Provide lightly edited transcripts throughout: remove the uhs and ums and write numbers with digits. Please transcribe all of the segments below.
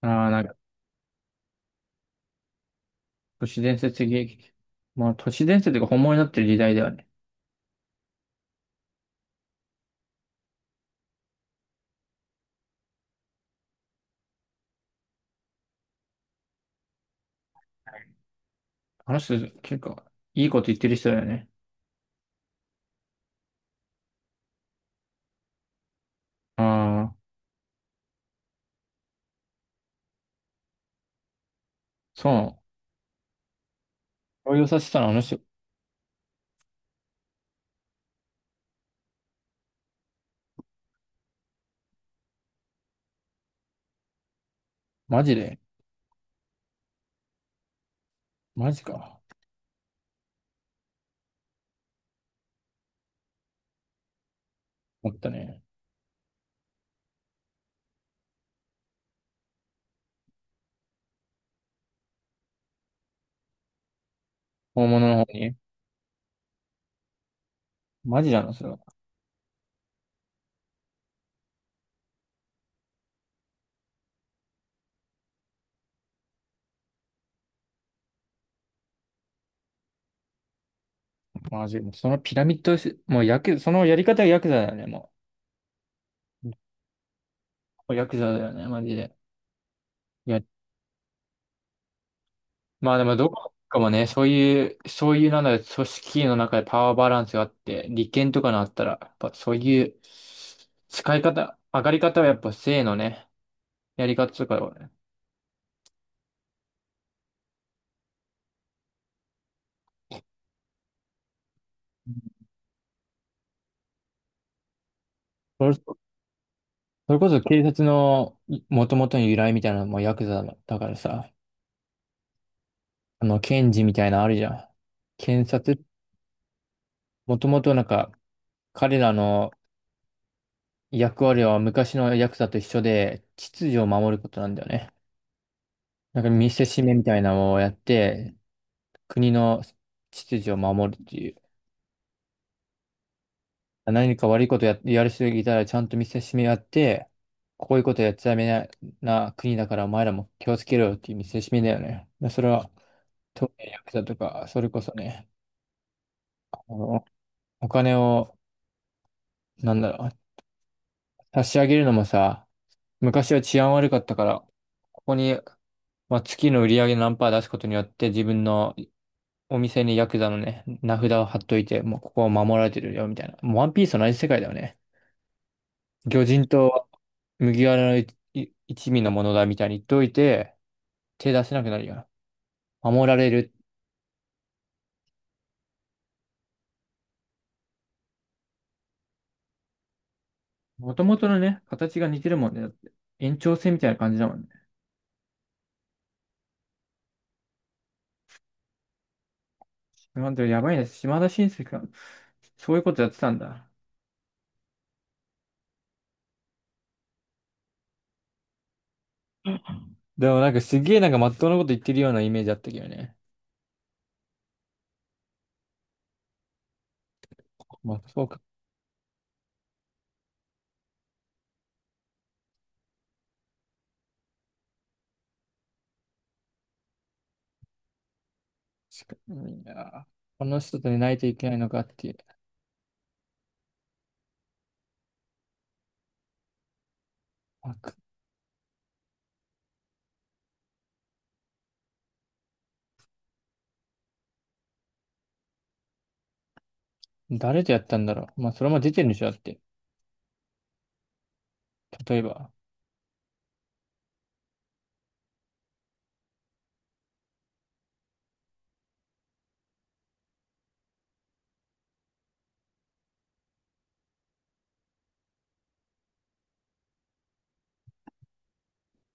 ああ、都市伝説的、都市伝説が本物になってる時代だよね。あの人、結構、いいこと言ってる人だよね。ああ、そうなの。動揺させたの、あの人、マジで、マジか。思ったね。本物の方に。マジなの、それは。マジ。そのピラミッドし、もうヤク、そのやり方がヤクザだよね、もう。ヤクザだよね、マジで。まあでもどこかもね、そういうなんだろう、組織の中でパワーバランスがあって、利権とかのあったら、やっぱそういう使い方、上がり方はやっぱ性のね、やり方とかはね、それそれこそ警察のもともとの由来みたいなのもヤクザだからさ、検事みたいなのあるじゃん。検察、もともとなんか、彼らの役割は昔のヤクザと一緒で、秩序を守ることなんだよね。なんか見せしめみたいなのをやって、国の秩序を守るっていう。何か悪いことや、やる人がいたらちゃんと見せしめやって、こういうことやっちゃダメな、な国だからお前らも気をつけろよっていう見せしめだよね。でそれは、特にヤクザとか、それこそね、あの、お金を、なんだろう、差し上げるのもさ、昔は治安悪かったから、ここに、まあ、月の売り上げ何パー出すことによって自分のお店にヤクザのね、名札を貼っといて、もうここは守られてるよみたいな。もうワンピースの同じ世界だよね。魚人とは麦わらの一味のものだみたいに言っといて、手出せなくなるよな。守られる。もともとのね、形が似てるもんね。だって延長線みたいな感じだもんね。なんてやばいね。島田紳助が、そういうことやってたんだ。でもなんかすげえなんかまっとうなこと言ってるようなイメージあったけどね。まあそうか。いやー、この人と寝ないといけないのかっていう。あく誰とやったんだろう。まあそれも出てるんでしょだって。例えば。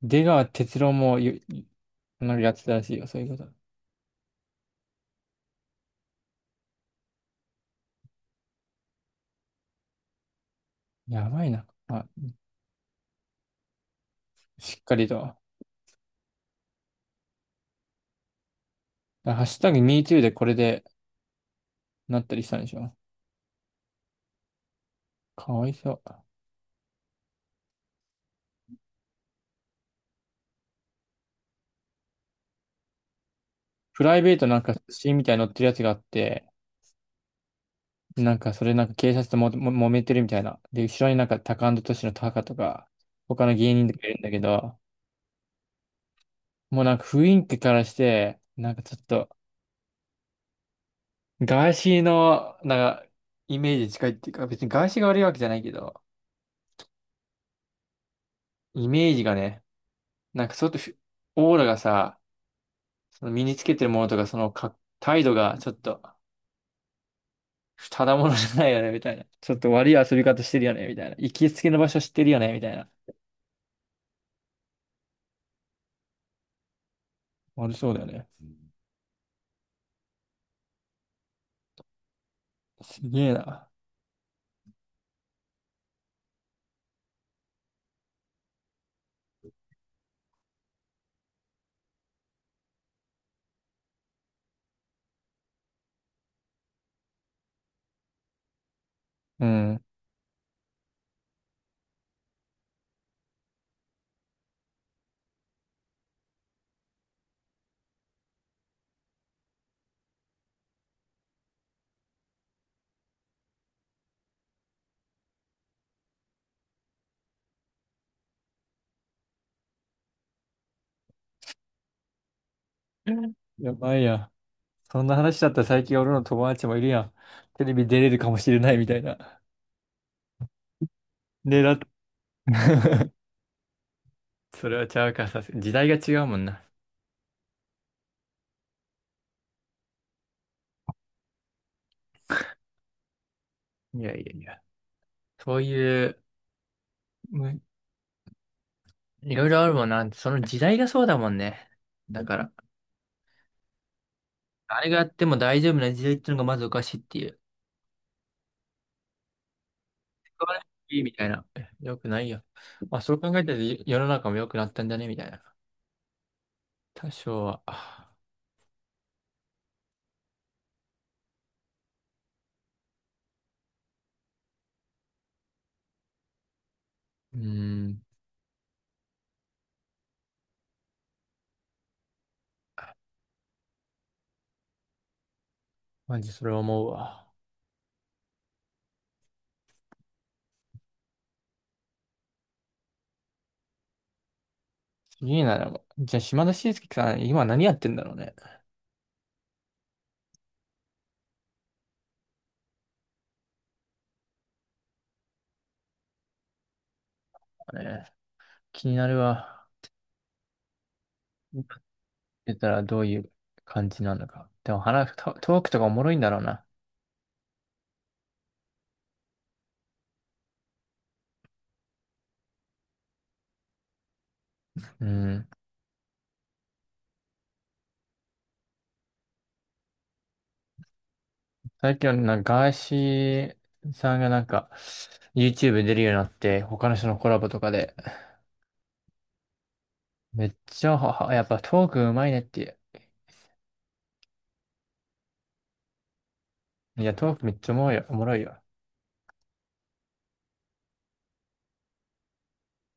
出川哲朗もよなんかやってたらしいよ。そういうこと。やばいな。あ、しっかりと。だからハッシュタグ #MeToo でこれでなったりしたんでしょ。かわいそう。プライベートなんか写真みたいに載ってるやつがあって、なんかそれなんか警察とも揉めてるみたいな。で、後ろになんかタカアンドトシのタカとか、他の芸人とかいるんだけど、もうなんか雰囲気からして、なんかちょっと、ガーシーの、なんか、イメージ近いっていうか、別にガーシーが悪いわけじゃないけど、イメージがね、なんかちょっとふオーラがさ、その身につけてるものとか、態度がちょっと、ただものじゃないよね、みたいな。ちょっと悪い遊び方してるよね、みたいな。行きつけの場所知ってるよね、みたいな。悪そうだよね。すげえな。うん。やばいや。そんな話だったら最近俺の友達もいるやん。テレビ出れるかもしれないみたいな。狙っ それはちゃうか、時代が違うもんな。いやいやいや。そういう、むいろいろあるもんな。その時代がそうだもんね。だから、あれがあっても大丈夫な時代っていうのがまずおかしいっていう。使わなくていいみたいな。えよくないよ。まあそう考えたら世の中も良くなったんだねみたいな。多少は。うーん。マジそれ思うわ。いいな、でも。じゃあ島田紳介さん、今何やってんだろうね。ね、気になるわ。やってたらどういう感じなのか。でも話、トークとかおもろいんだろうな。うん。最近はなんかガーシーさんがなんか YouTube に出るようになって、他の人のコラボとかで、めっちゃやっぱトークうまいねっていう。いや、トークめっちゃおもろいよ。おもろいよ。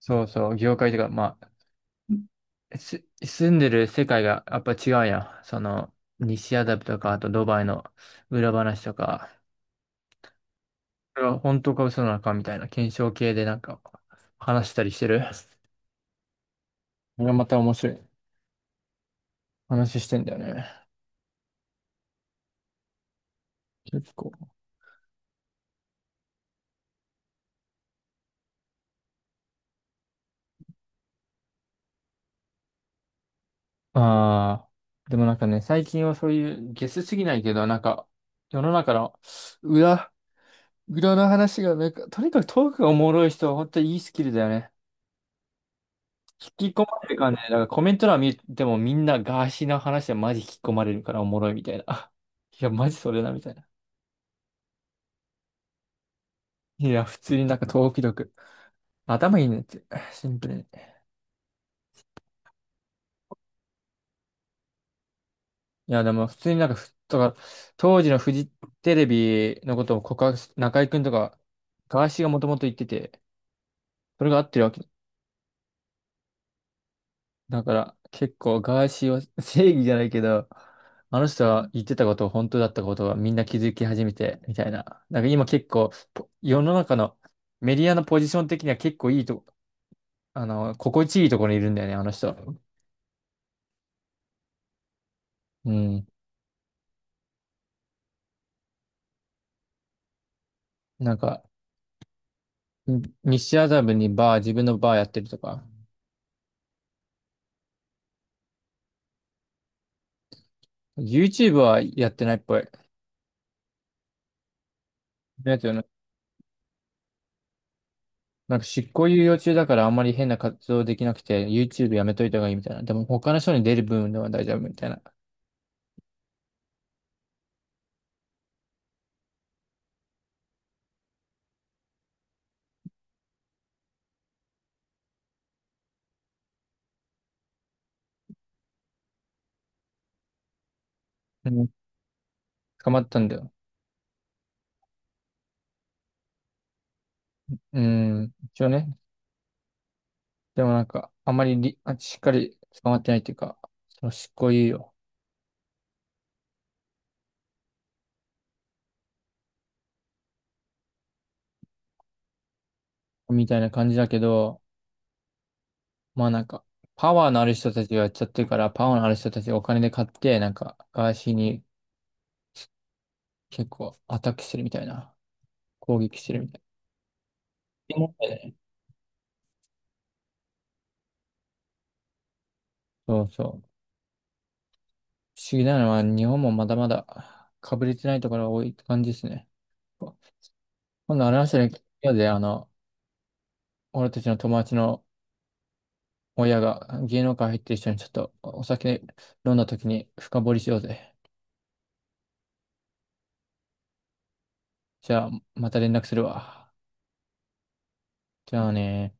そうそう、業界とか、まあ、住んでる世界がやっぱ違うやん。その、西アダブとか、あとドバイの裏話とか、これは本当か嘘なのかみたいな検証系でなんか話したりしてる。これはまた面白い話してんだよね。結構。ああ、でもなんかね、最近はそういうゲスすぎないけど、なんか、世の中の裏、裏の話が、なんか、とにかくトークがおもろい人は本当にいいスキルだよね。引き込まれる感じで、だからコメント欄見てもみんなガーシーの話はマジ引き込まれるからおもろいみたいな。いや、マジそれだみたいな。いや、普通になんかトーク力。頭いいねって、シンプルに。いや、でも普通になんかふ、とか、当時のフジテレビのことを告白す、中居くんとか、ガーシーがもともと言ってて、それが合ってるわ。だから結構ガーシーは 正義じゃないけど、あの人は言ってたことを本当だったことがみんな気づき始めてみたいな。なんか今結構世の中のメディアのポジション的には結構いいとこ、あの、心地いいところにいるんだよね、あの人。うん。なんか、西麻布にバー、自分のバーやってるとか。YouTube はやってないっぽい。だけどなんか執行猶予中だからあんまり変な活動できなくて、YouTube やめといた方がいいみたいな。でも他の人に出る分では大丈夫みたいな。うん、捕まったんだよ。うん、一応ね。でもなんか、あんまりしっかり捕まってないっていうか、その執行猶予みたいな感じだけど、まあなんか、パワーのある人たちがやっちゃってるから、パワーのある人たちがお金で買って、なんか、ガーシーに結構アタックしてるみたいな。攻撃してるみたいな。思ったよね。そうそう。不思議なのは、日本もまだまだ被れてないところが多いって感じですね。今度あれましたの嫌で、あの、俺たちの友達の親が芸能界入ってる人にちょっとお酒飲んだ時に深掘りしようぜ。じゃあ、また連絡するわ。じゃあね。